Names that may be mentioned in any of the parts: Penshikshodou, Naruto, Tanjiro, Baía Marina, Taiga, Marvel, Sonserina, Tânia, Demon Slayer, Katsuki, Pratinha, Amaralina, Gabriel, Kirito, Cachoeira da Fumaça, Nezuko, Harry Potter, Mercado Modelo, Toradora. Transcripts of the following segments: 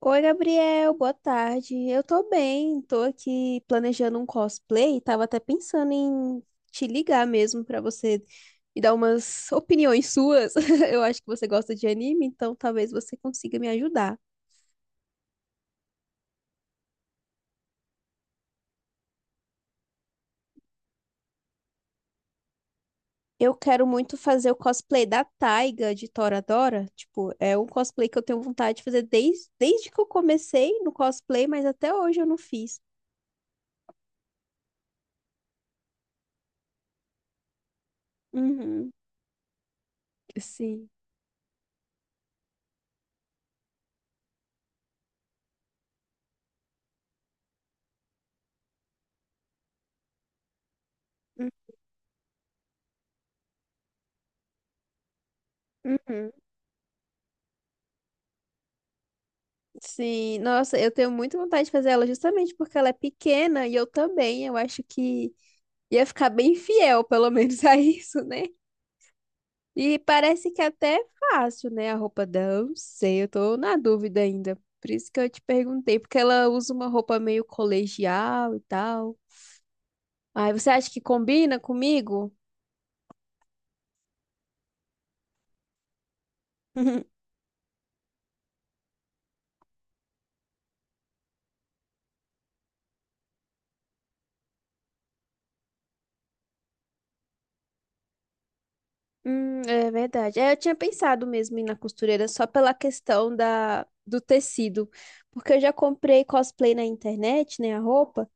Oi, Gabriel, boa tarde. Eu tô bem, tô aqui planejando um cosplay. Tava até pensando em te ligar mesmo pra você me dar umas opiniões suas. Eu acho que você gosta de anime, então talvez você consiga me ajudar. Eu quero muito fazer o cosplay da Taiga de Toradora. Tipo, é um cosplay que eu tenho vontade de fazer desde que eu comecei no cosplay, mas até hoje eu não fiz. Uhum, sim. Uhum. Sim, nossa, eu tenho muita vontade de fazer ela justamente porque ela é pequena e eu também, eu acho que ia ficar bem fiel, pelo menos, a isso, né? E parece que até é fácil, né? A roupa dela, eu não sei, eu tô na dúvida ainda. Por isso que eu te perguntei, porque ela usa uma roupa meio colegial e tal. Ai, você acha que combina comigo? É verdade. É, eu tinha pensado mesmo em ir na costureira só pela questão da, do tecido, porque eu já comprei cosplay na internet, né, a roupa,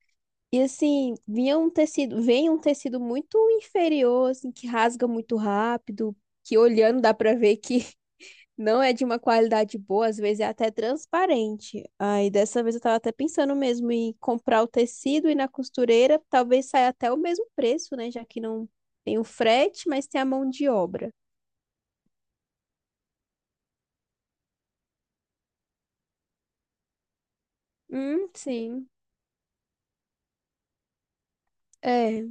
e assim, vinha um tecido, vem um tecido muito inferior, assim, que rasga muito rápido, que olhando dá pra ver que não é de uma qualidade boa, às vezes é até transparente. Aí dessa vez eu tava até pensando mesmo em comprar o tecido e ir na costureira, talvez saia até o mesmo preço, né, já que não tem o frete, mas tem a mão de obra. Sim. É,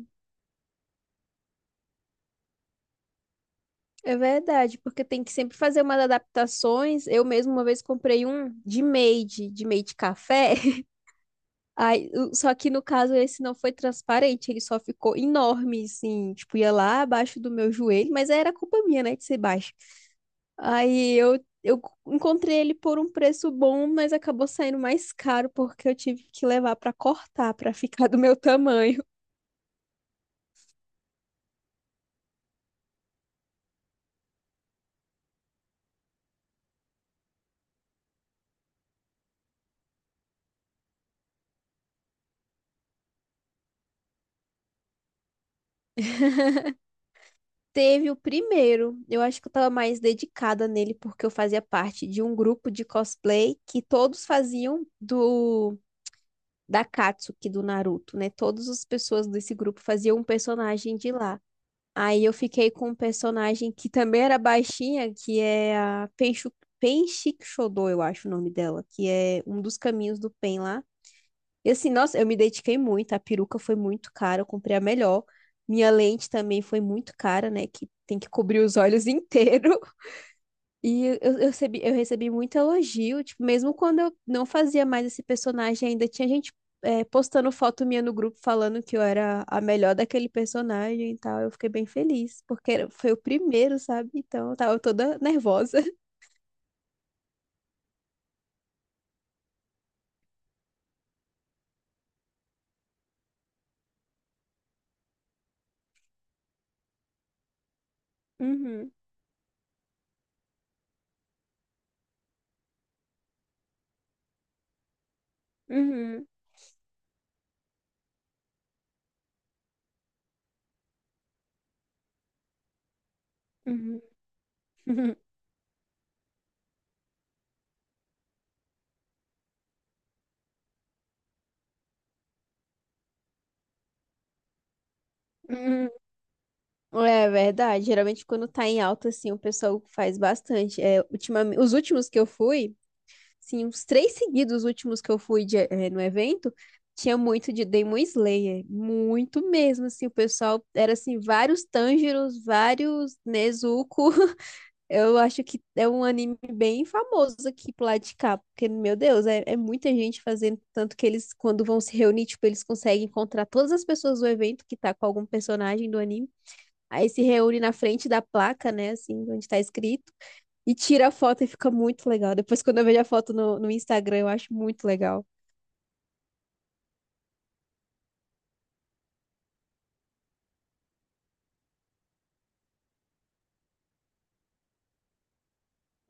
é verdade, porque tem que sempre fazer umas adaptações. Eu mesma uma vez comprei um de made café. Aí, o- só que no caso esse não foi transparente, ele só ficou enorme, assim, tipo, ia lá abaixo do meu joelho, mas era culpa minha, né, de ser baixo. Aí eu encontrei ele por um preço bom, mas acabou saindo mais caro porque eu tive que levar pra cortar, pra ficar do meu tamanho. Teve o primeiro. Eu acho que eu tava mais dedicada nele porque eu fazia parte de um grupo de cosplay que todos faziam do da Katsuki do Naruto, né? Todas as pessoas desse grupo faziam um personagem de lá. Aí eu fiquei com um personagem que também era baixinha, que é a Penshu... Penshikshodou, eu acho o nome dela, que é um dos caminhos do Pen lá. E assim, nossa, eu me dediquei muito, a peruca foi muito cara, eu comprei a melhor. Minha lente também foi muito cara, né? Que tem que cobrir os olhos inteiro. E eu recebi muito elogio, tipo, mesmo quando eu não fazia mais esse personagem, ainda tinha gente postando foto minha no grupo falando que eu era a melhor daquele personagem e tal. Eu fiquei bem feliz, porque era- foi o primeiro, sabe? Então eu tava toda nervosa. Uhum, uhum, uhum. É verdade. Geralmente quando tá em alta, assim, o pessoal faz bastante. É, ultimamente, os últimos que eu fui, sim, uns três seguidos os últimos que eu fui de- no evento, tinha muito de Demon Slayer. Muito mesmo, assim, o pessoal era assim, vários Tanjiros, vários Nezuko. Eu acho que é um anime bem famoso aqui pro lado de cá, porque, meu Deus, é muita gente fazendo, tanto que eles, quando vão se reunir, tipo, eles conseguem encontrar todas as pessoas do evento que tá com algum personagem do anime. Aí se reúne na frente da placa, né, assim, onde tá escrito, e tira a foto e fica muito legal. Depois, quando eu vejo a foto no Instagram, eu acho muito legal.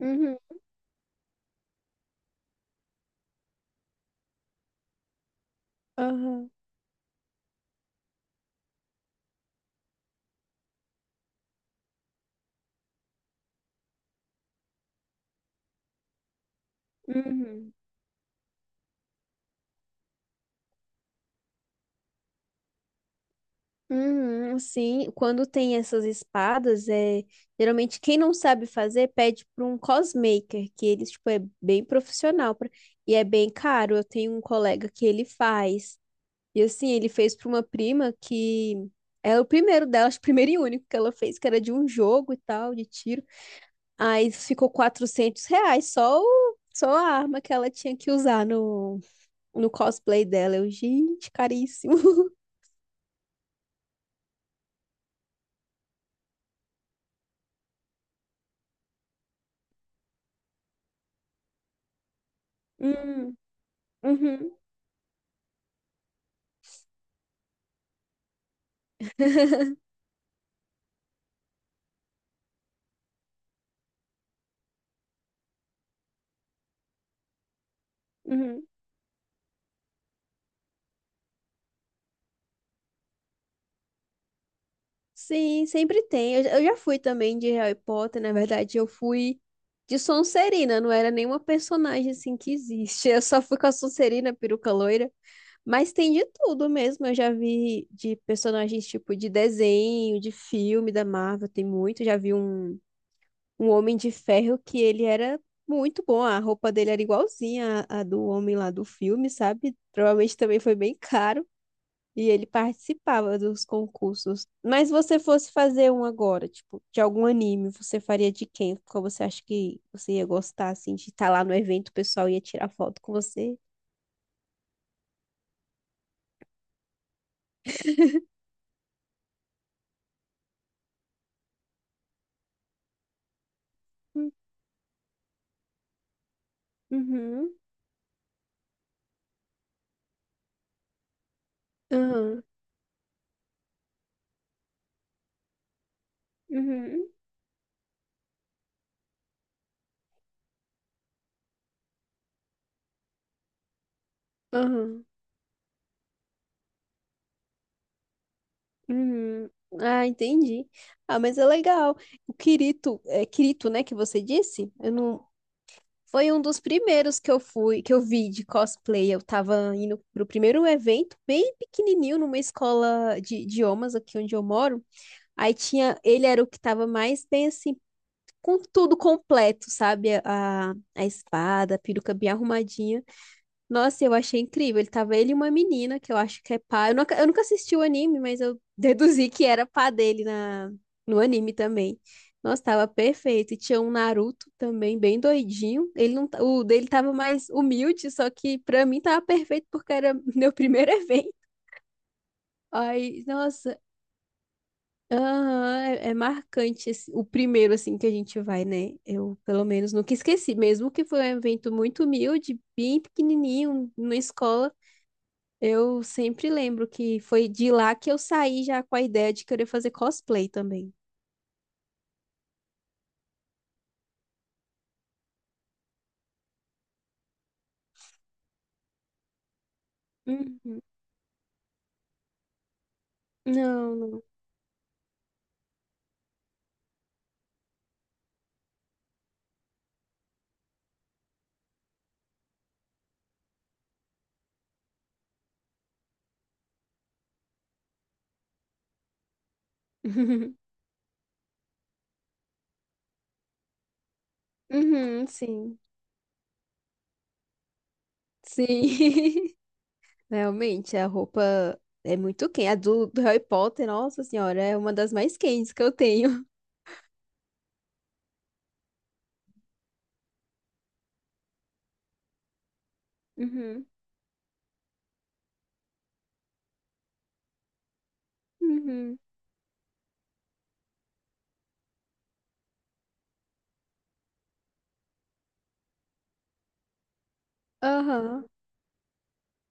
Uhum. Aham. Uhum. Uhum. Sim, quando tem essas espadas, é geralmente quem não sabe fazer pede para um cosmaker, que ele tipo, é bem profissional pra- e é bem caro. Eu tenho um colega que ele faz. E assim, ele fez para uma prima que era o primeiro dela, acho que o primeiro e único que ela fez, que era de um jogo e tal, de tiro. Aí ficou 400 reais só, o, só a arma que ela tinha que usar no, no cosplay dela. Eu, gente, caríssimo. Hum. Uhum. Uhum. Sim, sempre tem. Eu já fui também de Harry Potter, na verdade, eu fui de Sonserina, não era nenhuma personagem assim que existe. Eu só fui com a Sonserina, peruca loira. Mas tem de tudo mesmo. Eu já vi de personagens tipo de desenho, de filme da Marvel, tem muito. Já vi um homem de ferro que ele era muito bom. A roupa dele era igualzinha à do homem lá do filme, sabe? Provavelmente também foi bem caro. E ele participava dos concursos. Mas se você fosse fazer um agora, tipo, de algum anime, você faria de quem? Qual você acha que você ia gostar, assim, de estar lá no evento, o pessoal ia tirar foto com você? Hum. Uhum, aham, uhum, aham, uhum. Ah, entendi. Ah, mas é legal. O Kirito, é Kirito, né, que você disse? Eu não. Foi um dos primeiros que eu fui, que eu vi de cosplay. Eu tava indo pro primeiro evento, bem pequenininho, numa escola de idiomas aqui onde eu moro. Aí tinha, ele era o que tava mais bem assim, com tudo completo, sabe? A espada, a peruca bem arrumadinha. Nossa, eu achei incrível. Ele tava ele e uma menina que eu acho que é pá. Eu nunca assisti o anime, mas eu deduzi que era pá dele na, no anime também. Nossa, tava perfeito. E tinha um Naruto também, bem doidinho. Ele não, ta- o dele tava mais humilde, só que pra mim tava perfeito porque era meu primeiro evento. Ai, nossa. Aham, é, é marcante esse- o primeiro assim que a gente vai, né? Eu, pelo menos, nunca esqueci, mesmo que foi um evento muito humilde, bem pequenininho, numa escola. Eu sempre lembro que foi de lá que eu saí já com a ideia de querer fazer cosplay também. Uhum. Não, não. Uhum, sim. Sim. Realmente, a roupa é muito quente. A do Harry Potter, nossa senhora, é uma das mais quentes que eu tenho. Uhum. Uhum. Aham.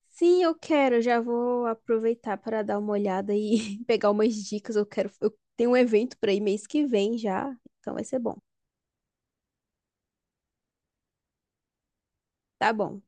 Sim, eu quero. Eu já vou aproveitar para dar uma olhada e pegar umas dicas. Eu quero. Eu tenho um evento para ir mês que vem já, então vai ser bom. Tá bom.